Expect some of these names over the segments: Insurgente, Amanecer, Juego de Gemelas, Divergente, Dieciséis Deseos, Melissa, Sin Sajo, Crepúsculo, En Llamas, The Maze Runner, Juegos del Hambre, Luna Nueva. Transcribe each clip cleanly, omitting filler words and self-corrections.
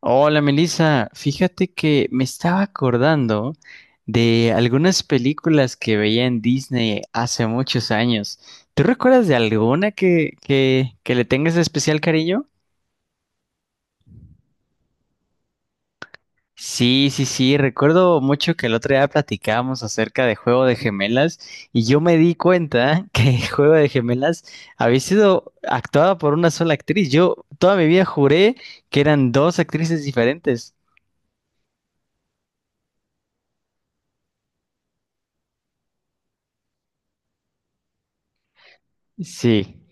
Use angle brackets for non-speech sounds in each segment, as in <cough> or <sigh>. Hola Melissa, fíjate que me estaba acordando de algunas películas que veía en Disney hace muchos años. ¿Tú recuerdas de alguna que le tengas especial cariño? Sí, sí, sí, recuerdo mucho que el otro día platicábamos acerca de Juego de Gemelas y yo me di cuenta <laughs> que Juego de Gemelas había sido actuada por una sola actriz. Yo toda mi vida juré que eran dos actrices diferentes. Sí.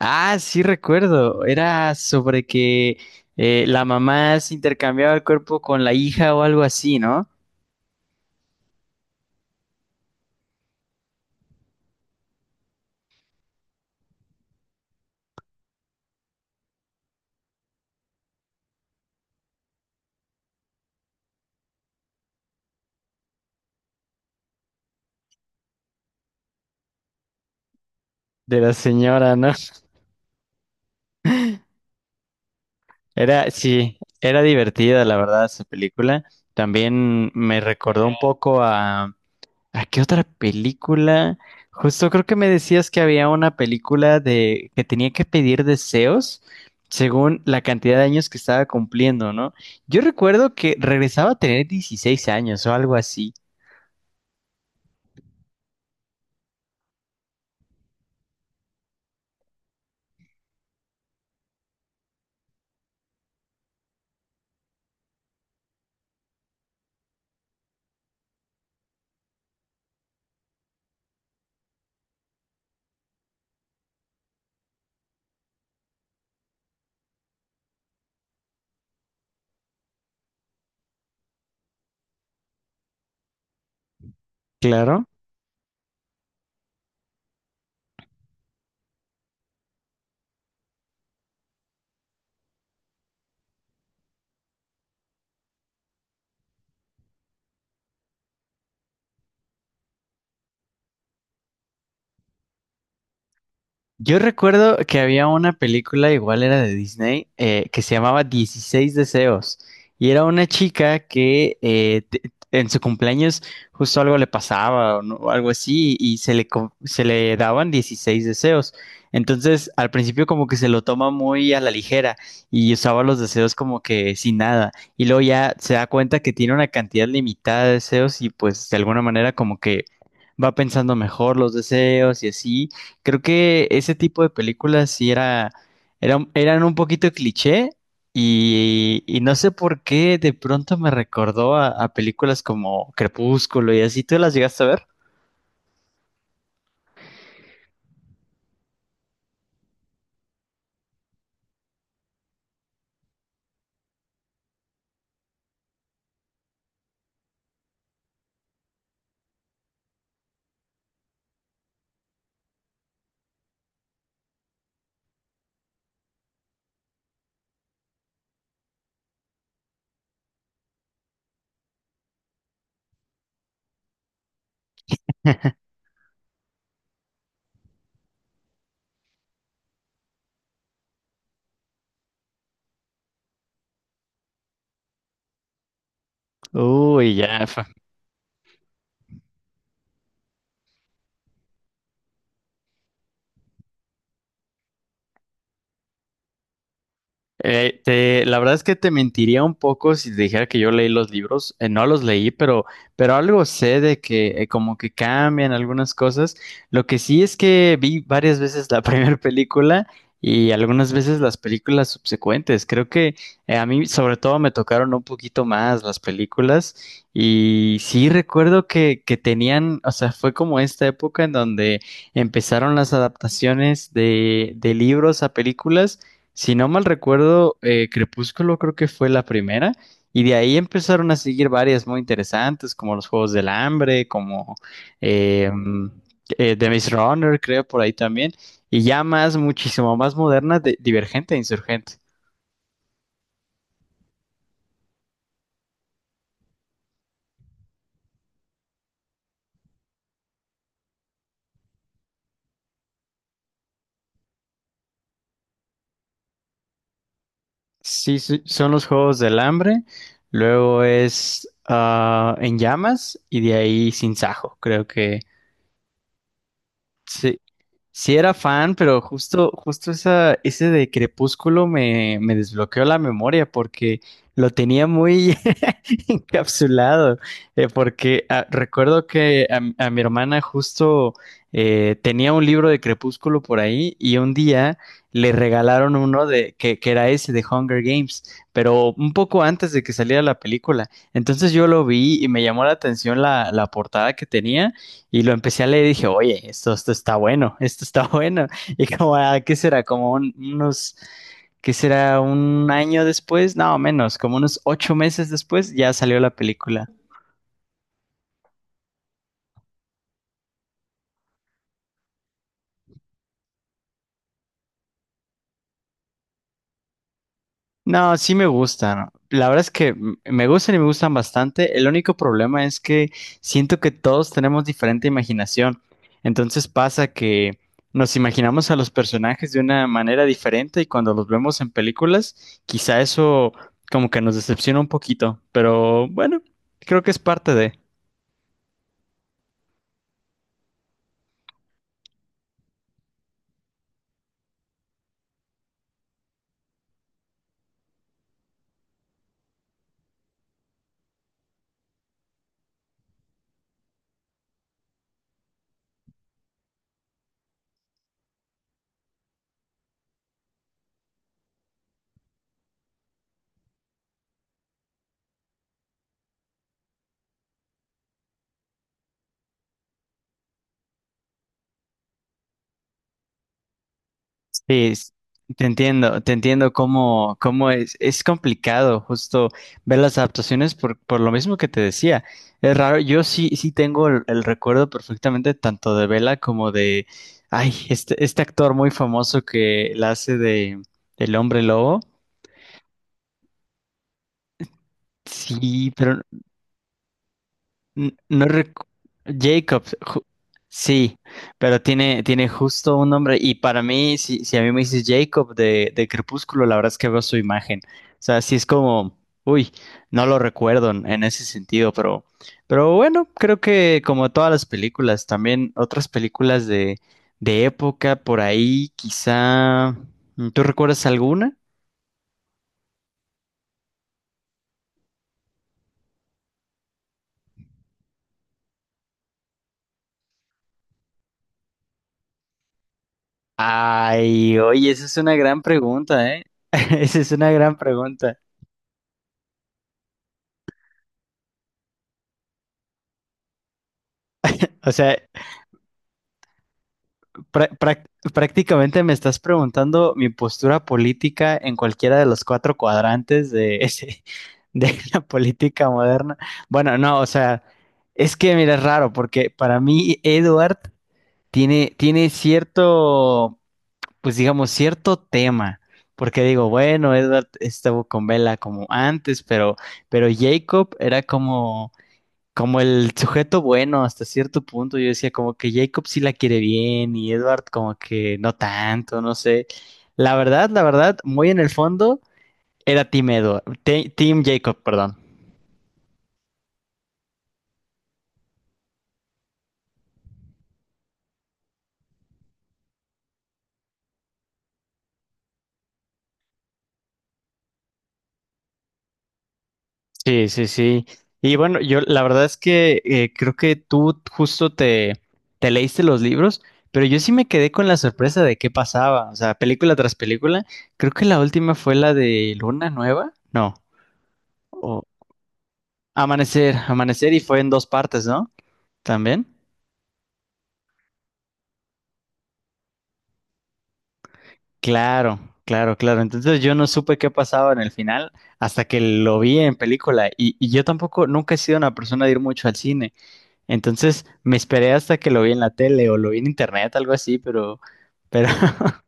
Ah, sí recuerdo. Era sobre que la mamá se intercambiaba el cuerpo con la hija o algo así, ¿no? De la señora, ¿no? <laughs> Era, sí, era divertida, la verdad, esa película. También me recordó un poco a... ¿A qué otra película? Justo creo que me decías que había una película de que tenía que pedir deseos según la cantidad de años que estaba cumpliendo, ¿no? Yo recuerdo que regresaba a tener 16 años o algo así. Claro. Yo recuerdo que había una película, igual era de Disney, que se llamaba Dieciséis Deseos. Y era una chica que en su cumpleaños justo algo le pasaba o, no- o algo así y se le daban dieciséis deseos. Entonces, al principio como que se lo toma muy a la ligera y usaba los deseos como que sin nada. Y luego ya se da cuenta que tiene una cantidad limitada de deseos y pues de alguna manera como que va pensando mejor los deseos y así. Creo que ese tipo de películas sí era, eran un poquito cliché y no sé por qué de pronto me recordó a películas como Crepúsculo y así. ¿Tú las llegaste a ver? Uy, ya. La verdad es que te mentiría un poco si te dijera que yo leí los libros. No los leí, pero algo sé de que como que cambian algunas cosas. Lo que sí es que vi varias veces la <laughs> primera película y algunas veces las películas subsecuentes. Creo que a mí sobre todo me tocaron un poquito más las películas y sí recuerdo que tenían, o sea, fue como esta época en donde empezaron las adaptaciones de libros a películas. Si no mal recuerdo, Crepúsculo creo que fue la primera, y de ahí empezaron a seguir varias muy interesantes, como los Juegos del Hambre, como eh, mm, The Maze Runner, creo, por ahí también, y ya más, muchísimo más moderna, Divergente e Insurgente. Sí, sí, son los Juegos del Hambre, luego es En Llamas, y de ahí Sin Sajo, creo que sí, sí era fan, pero justo, justo esa, ese de Crepúsculo me desbloqueó la memoria porque lo tenía muy <laughs> encapsulado, porque recuerdo que a mi hermana justo tenía un libro de Crepúsculo por ahí y un día le regalaron uno de que era ese de Hunger Games, pero un poco antes de que saliera la película. Entonces yo lo vi y me llamó la atención la portada que tenía. Y lo empecé a leer y dije, oye, esto está bueno, esto está <laughs> bueno. Y como, ah, ¿qué será? Unos, ¿qué será? Un año después, no, menos, como unos ocho meses después ya salió la película. No, sí me gustan. La verdad es que me gustan y me gustan bastante. El único problema es que siento que todos tenemos diferente imaginación. Entonces pasa que nos imaginamos a los personajes de una manera diferente y cuando los vemos en películas, quizá eso como que nos decepciona un poquito. Pero bueno, creo que es parte de... Sí, te entiendo cómo, cómo es complicado justo ver las adaptaciones por lo mismo que te decía. Es raro, yo sí, sí tengo el recuerdo perfectamente tanto de Bella como de, ay, este actor muy famoso que la hace de El Hombre Lobo. Sí, pero N- No recu- Jacobs, ju- sí, pero tiene, tiene justo un nombre. Y para mí, si, si a mí me dices Jacob de Crepúsculo, la verdad es que veo su imagen. O sea, sí es como, uy, no lo recuerdo en ese sentido, pero bueno, creo que como todas las películas, también otras películas de época por ahí, quizá. ¿Tú recuerdas alguna? Ay, oye, esa es una gran pregunta, ¿eh? <laughs> Esa es una gran pregunta. O sea, Prá- prá- prácticamente me estás preguntando mi postura política en cualquiera de los cuatro cuadrantes <laughs> de la política moderna. Bueno, no, o sea, es que mira, es raro porque para mí Edward tiene, tiene cierto, pues digamos, cierto tema. Porque digo, bueno, Edward estuvo con Bella como antes, pero Jacob era como como el sujeto bueno hasta cierto punto. Yo decía como que Jacob sí la quiere bien y Edward como que no tanto, no sé. La verdad, muy en el fondo era Team Jacob, perdón. Sí, sí, sí. Y bueno, yo la verdad es que creo que tú justo te leíste los libros, pero yo sí me quedé con la sorpresa de qué pasaba. O sea, película tras película. Creo que la última fue la de Luna Nueva. No. O Amanecer, Amanecer y fue en dos partes, ¿no? ¿También? Claro, claro, claro. Entonces yo no supe qué pasaba en el final hasta que lo vi en película y yo tampoco, nunca he sido una persona de ir mucho al cine. Entonces me esperé hasta que lo vi en la tele o lo vi en internet, algo así, pero, <laughs>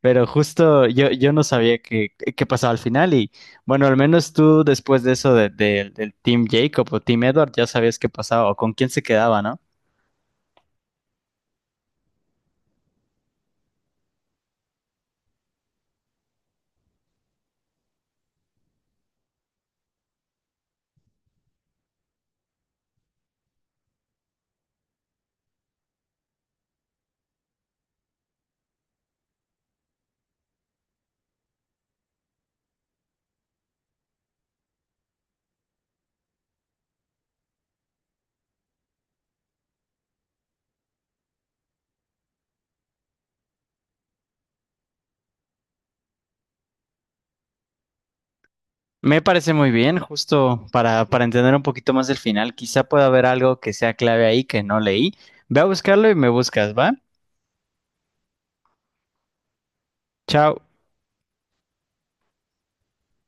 pero justo yo, yo no sabía qué, qué pasaba al final y bueno, al menos tú después de eso del Team Jacob o Team Edward ya sabías qué pasaba o con quién se quedaba, ¿no? Me parece muy bien, justo para entender un poquito más el final. Quizá pueda haber algo que sea clave ahí que no leí. Ve a buscarlo y me buscas, ¿va? Chao.